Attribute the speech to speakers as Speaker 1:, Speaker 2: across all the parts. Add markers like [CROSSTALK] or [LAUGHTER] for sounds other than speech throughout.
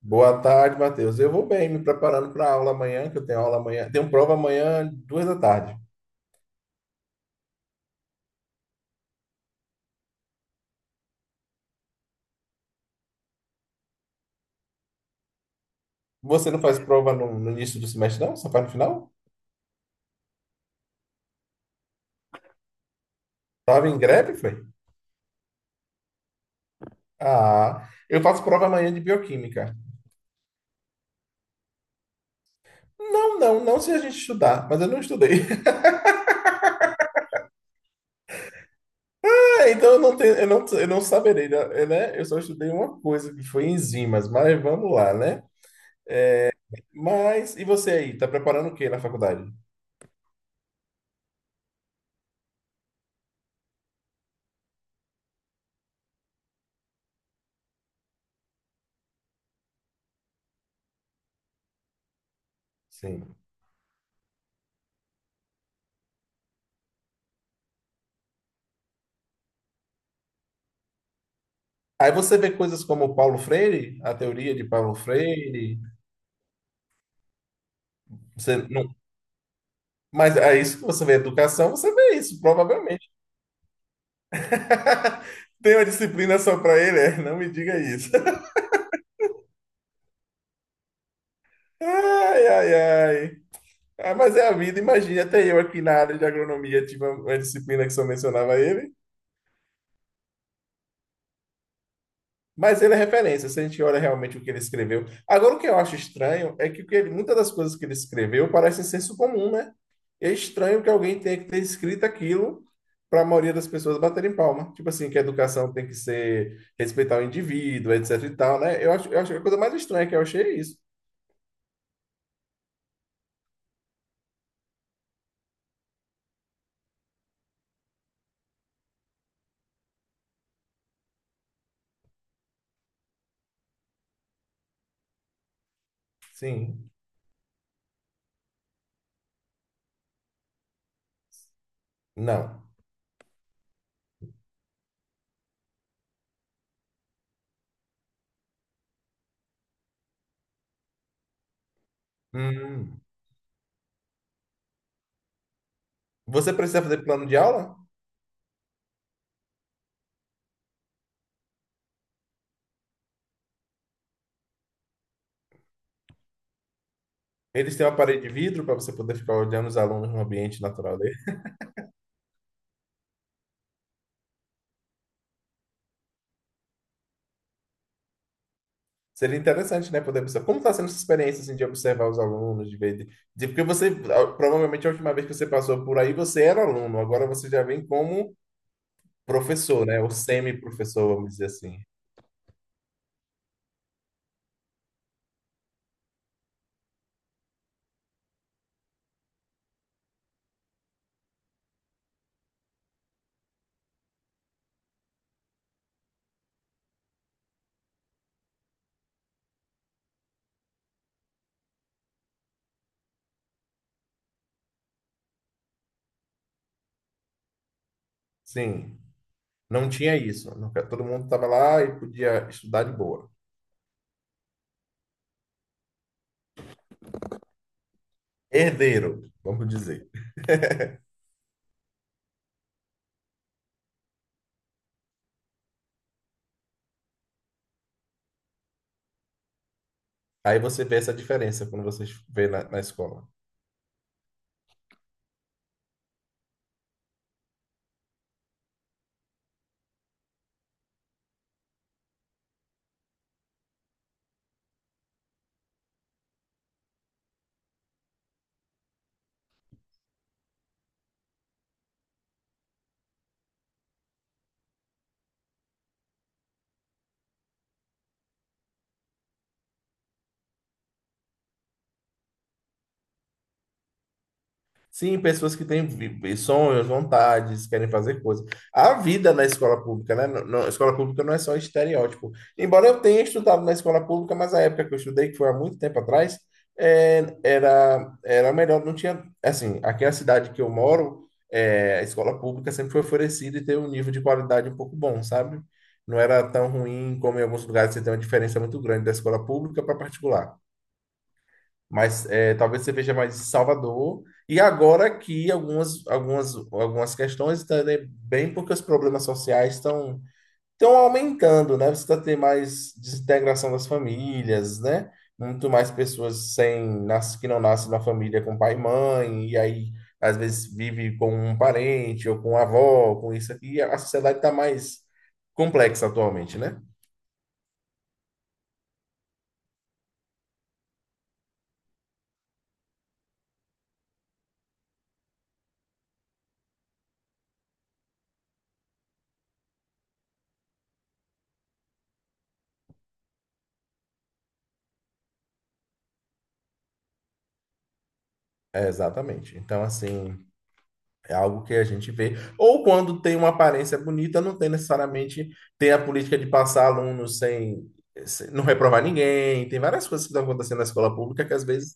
Speaker 1: Boa tarde, Matheus. Eu vou bem, me preparando para a aula amanhã, que eu tenho aula amanhã. Tenho prova amanhã, duas da tarde. Você não faz prova no início do semestre, não? Só faz no final? Tava em greve, foi? Ah, eu faço prova amanhã de bioquímica. Não, não, não se a gente estudar, mas eu não estudei. [LAUGHS] É, então eu não saberei, né? É, né? Eu só estudei uma coisa, que foi enzimas, mas vamos lá, né? Mas, e você aí, tá preparando o quê na faculdade? Sim. Aí você vê coisas como Paulo Freire, a teoria de Paulo Freire. Você não... Mas é isso que você vê educação, você vê isso, provavelmente. [LAUGHS] Tem uma disciplina só para ele? É, não me diga isso. [LAUGHS] Ai, ai, ai. Ah, mas é a vida, imagina, até eu aqui na área de agronomia tive uma disciplina que só mencionava ele. Mas ele é referência, se a gente olha realmente o que ele escreveu. Agora, o que eu acho estranho é que, muitas das coisas que ele escreveu parecem senso comum, né? É estranho que alguém tenha que ter escrito aquilo para a maioria das pessoas baterem palma. Tipo assim, que a educação tem que ser respeitar o indivíduo, etc e tal, né? Eu acho que a coisa mais estranha que eu achei é isso. Sim. Não. Hum. Você precisa fazer plano de aula? Eles têm uma parede de vidro para você poder ficar olhando os alunos no ambiente natural. Seria interessante, né, poder observar. Como está sendo essa experiência, assim, de observar os alunos, de ver... porque você, ah, provavelmente, a última vez que você passou por aí, você era aluno. Agora você já vem como professor, né? Ou semi-professor, vamos dizer assim. Sim, não tinha isso. Todo mundo estava lá e podia estudar de boa. Herdeiro, vamos dizer. Aí você vê essa diferença quando você vê na escola. Sim, pessoas que têm sonhos, vontades, querem fazer coisas. A vida na escola pública, né? A escola pública não é só estereótipo. Embora eu tenha estudado na escola pública, mas a época que eu estudei, que foi há muito tempo atrás, é, era melhor, não tinha. Assim, aqui na cidade que eu moro, é, a escola pública sempre foi oferecida e teve um nível de qualidade um pouco bom, sabe? Não era tão ruim como em alguns lugares você tem uma diferença muito grande da escola pública para particular. Mas é, talvez você veja mais Salvador. E agora aqui algumas questões também, bem porque os problemas sociais estão aumentando, né? Você está tendo mais desintegração das famílias, né? Muito mais pessoas sem nas- que não nascem na família com pai e mãe, e aí às vezes vive com um parente ou com uma avó, com isso aqui. A sociedade está mais complexa atualmente, né? É, exatamente. Então, assim. É algo que a gente vê. Ou quando tem uma aparência bonita, não tem necessariamente, tem a política de passar alunos não reprovar ninguém. Tem várias coisas que estão acontecendo na escola pública que às vezes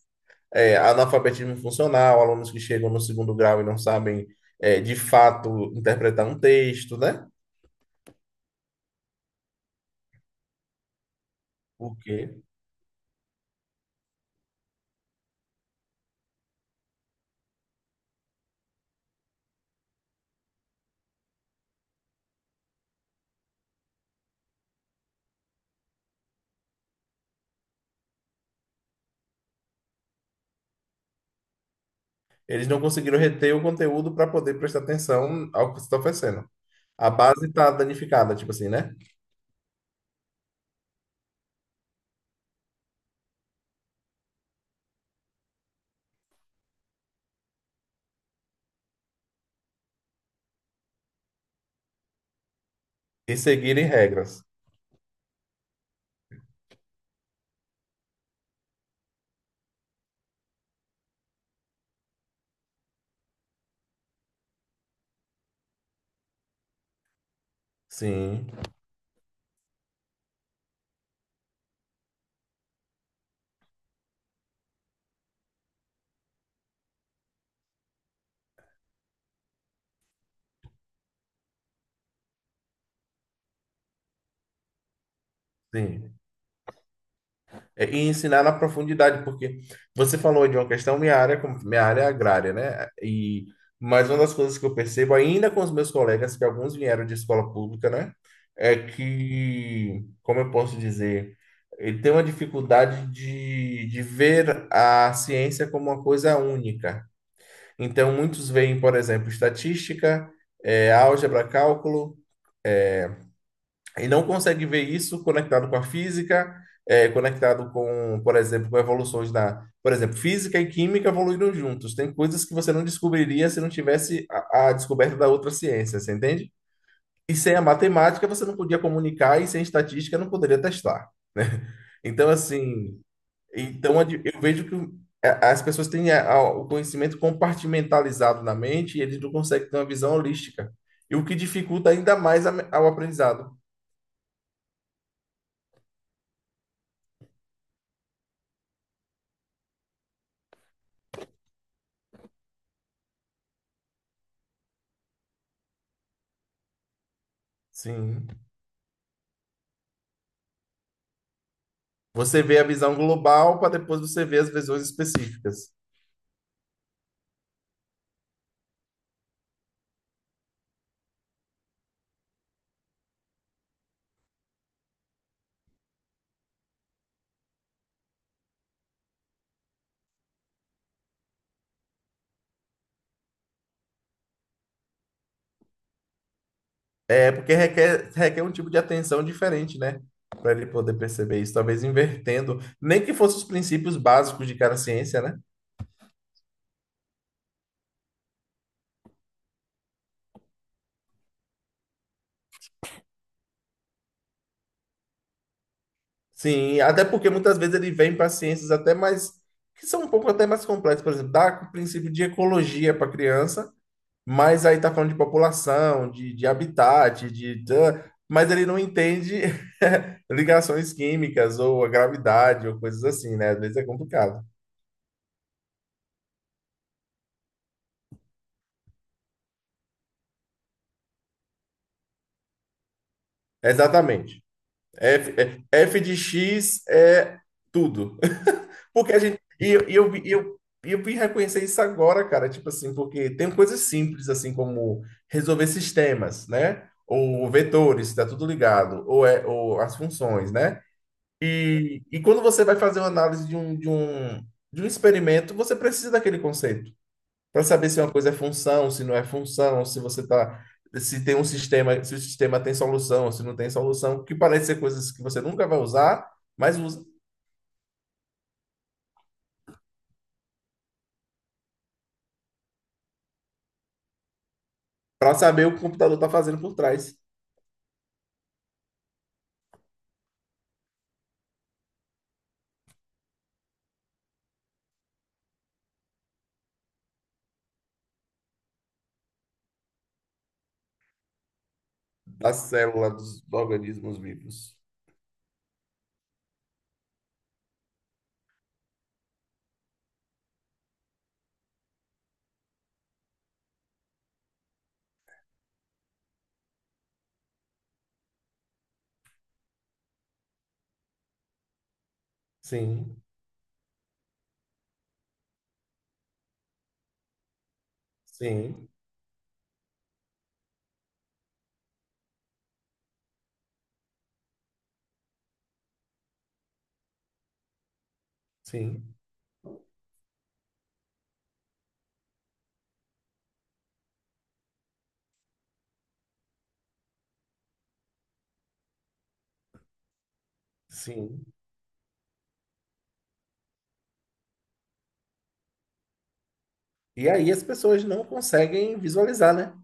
Speaker 1: é analfabetismo funcional, alunos que chegam no segundo grau e não sabem é, de fato interpretar um texto, né? Porque eles não conseguiram reter o conteúdo para poder prestar atenção ao que se está oferecendo. A base está danificada, tipo assim, né? E seguirem regras. Sim, sim. É, e ensinar na profundidade, porque você falou de uma questão, minha área, minha área é agrária, né? E mas uma das coisas que eu percebo, ainda com os meus colegas, que alguns vieram de escola pública, né? É que, como eu posso dizer, ele tem uma dificuldade de ver a ciência como uma coisa única. Então, muitos veem, por exemplo, estatística, eh, álgebra, cálculo e não consegue ver isso conectado com a física, é, conectado com, por exemplo, com evoluções da, por exemplo, física e química evoluíram juntos. Tem coisas que você não descobriria se não tivesse a descoberta da outra ciência, você entende? E sem a matemática você não podia comunicar e sem estatística não poderia testar, né? Então assim, eu vejo que as pessoas têm o conhecimento compartimentalizado na mente e eles não conseguem ter uma visão holística. E o que dificulta ainda mais ao aprendizado. Sim. Você vê a visão global para depois você ver as visões específicas. É porque requer um tipo de atenção diferente, né? Para ele poder perceber isso, talvez invertendo, nem que fossem os princípios básicos de cada ciência, né? Sim, até porque muitas vezes ele vem para ciências até mais que são um pouco até mais complexas, por exemplo, dá o princípio de ecologia para a criança. Mas aí tá falando de população, de habitat, de, tã, mas ele não entende [LAUGHS] ligações químicas ou a gravidade ou coisas assim, né? Às vezes é complicado. Exatamente. F, F de X é tudo. [LAUGHS] Porque a gente. E eu vim reconhecer isso agora, cara. Tipo assim, porque tem coisas simples, assim, como resolver sistemas, né? Ou vetores, tá tudo ligado. Ou, é, ou as funções, né? E quando você vai fazer uma análise de um experimento, você precisa daquele conceito para saber se uma coisa é função, se não é função, se você tá, se tem um sistema, se o sistema tem solução, se não tem solução, que parece ser coisas que você nunca vai usar, mas usa para saber o que o computador está fazendo por trás da célula dos organismos vivos. Sim, sim, sim, sim. E aí as pessoas não conseguem visualizar, né?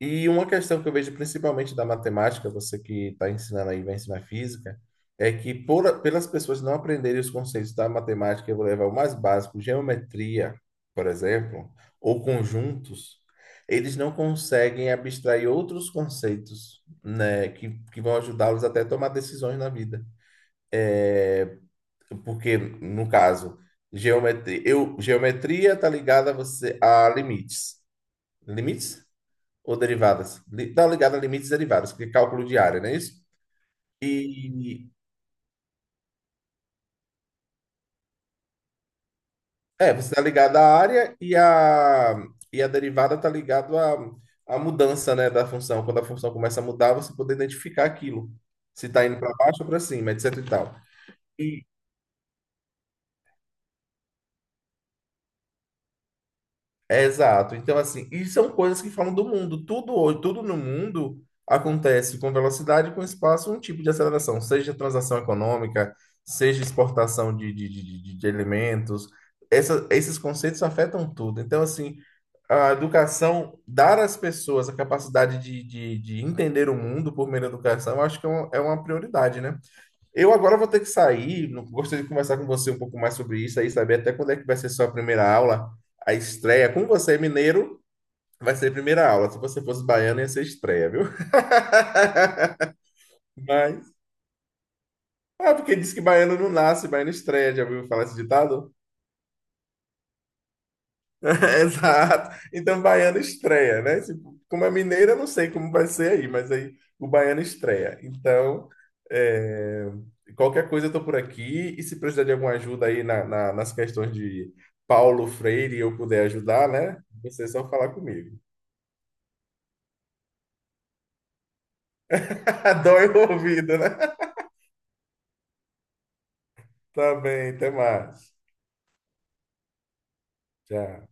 Speaker 1: E uma questão que eu vejo principalmente da matemática, você que está ensinando aí, vai ensinar física, é que por, pelas pessoas não aprenderem os conceitos da matemática, eu vou levar o mais básico, geometria, por exemplo, ou conjuntos, eles não conseguem abstrair outros conceitos, né, que vão ajudá-los até a tomar decisões na vida. É, porque, no caso, geometria, geometria está ligada a você a limites. Limites? Ou derivadas. Tá ligado a limites e derivadas, porque é cálculo de área, não é isso? E é, você está ligado à área e a derivada está ligado à, à mudança, né, da função. Quando a função começa a mudar, você poder identificar aquilo, se está indo para baixo ou para cima, etc e tal. E, é, exato. Então, assim, e são coisas que falam do mundo. Tudo hoje, tudo no mundo acontece com velocidade, e com espaço, um tipo de aceleração, seja transação econômica, seja exportação de alimentos. Esses conceitos afetam tudo. Então, assim, a educação, dar às pessoas a capacidade de entender o mundo por meio da educação, eu acho que é uma prioridade, né? Eu agora vou ter que sair. Gostaria de conversar com você um pouco mais sobre isso aí, saber até quando é que vai ser sua primeira aula. A estreia, como você é mineiro, vai ser primeira aula. Se você fosse baiano, ia ser estreia, viu? [LAUGHS] Mas. Ah, porque diz que baiano não nasce, baiano estreia. Já ouviu falar esse ditado? [LAUGHS] Exato. Então, baiano estreia, né? Como é mineira, eu não sei como vai ser aí, mas aí o baiano estreia. Então, é, qualquer coisa eu tô por aqui. E se precisar de alguma ajuda aí nas questões de Paulo Freire e eu puder ajudar, né? Você é só falar comigo. [LAUGHS] Dói o ouvido, né? Tá bem, até mais. Tchau.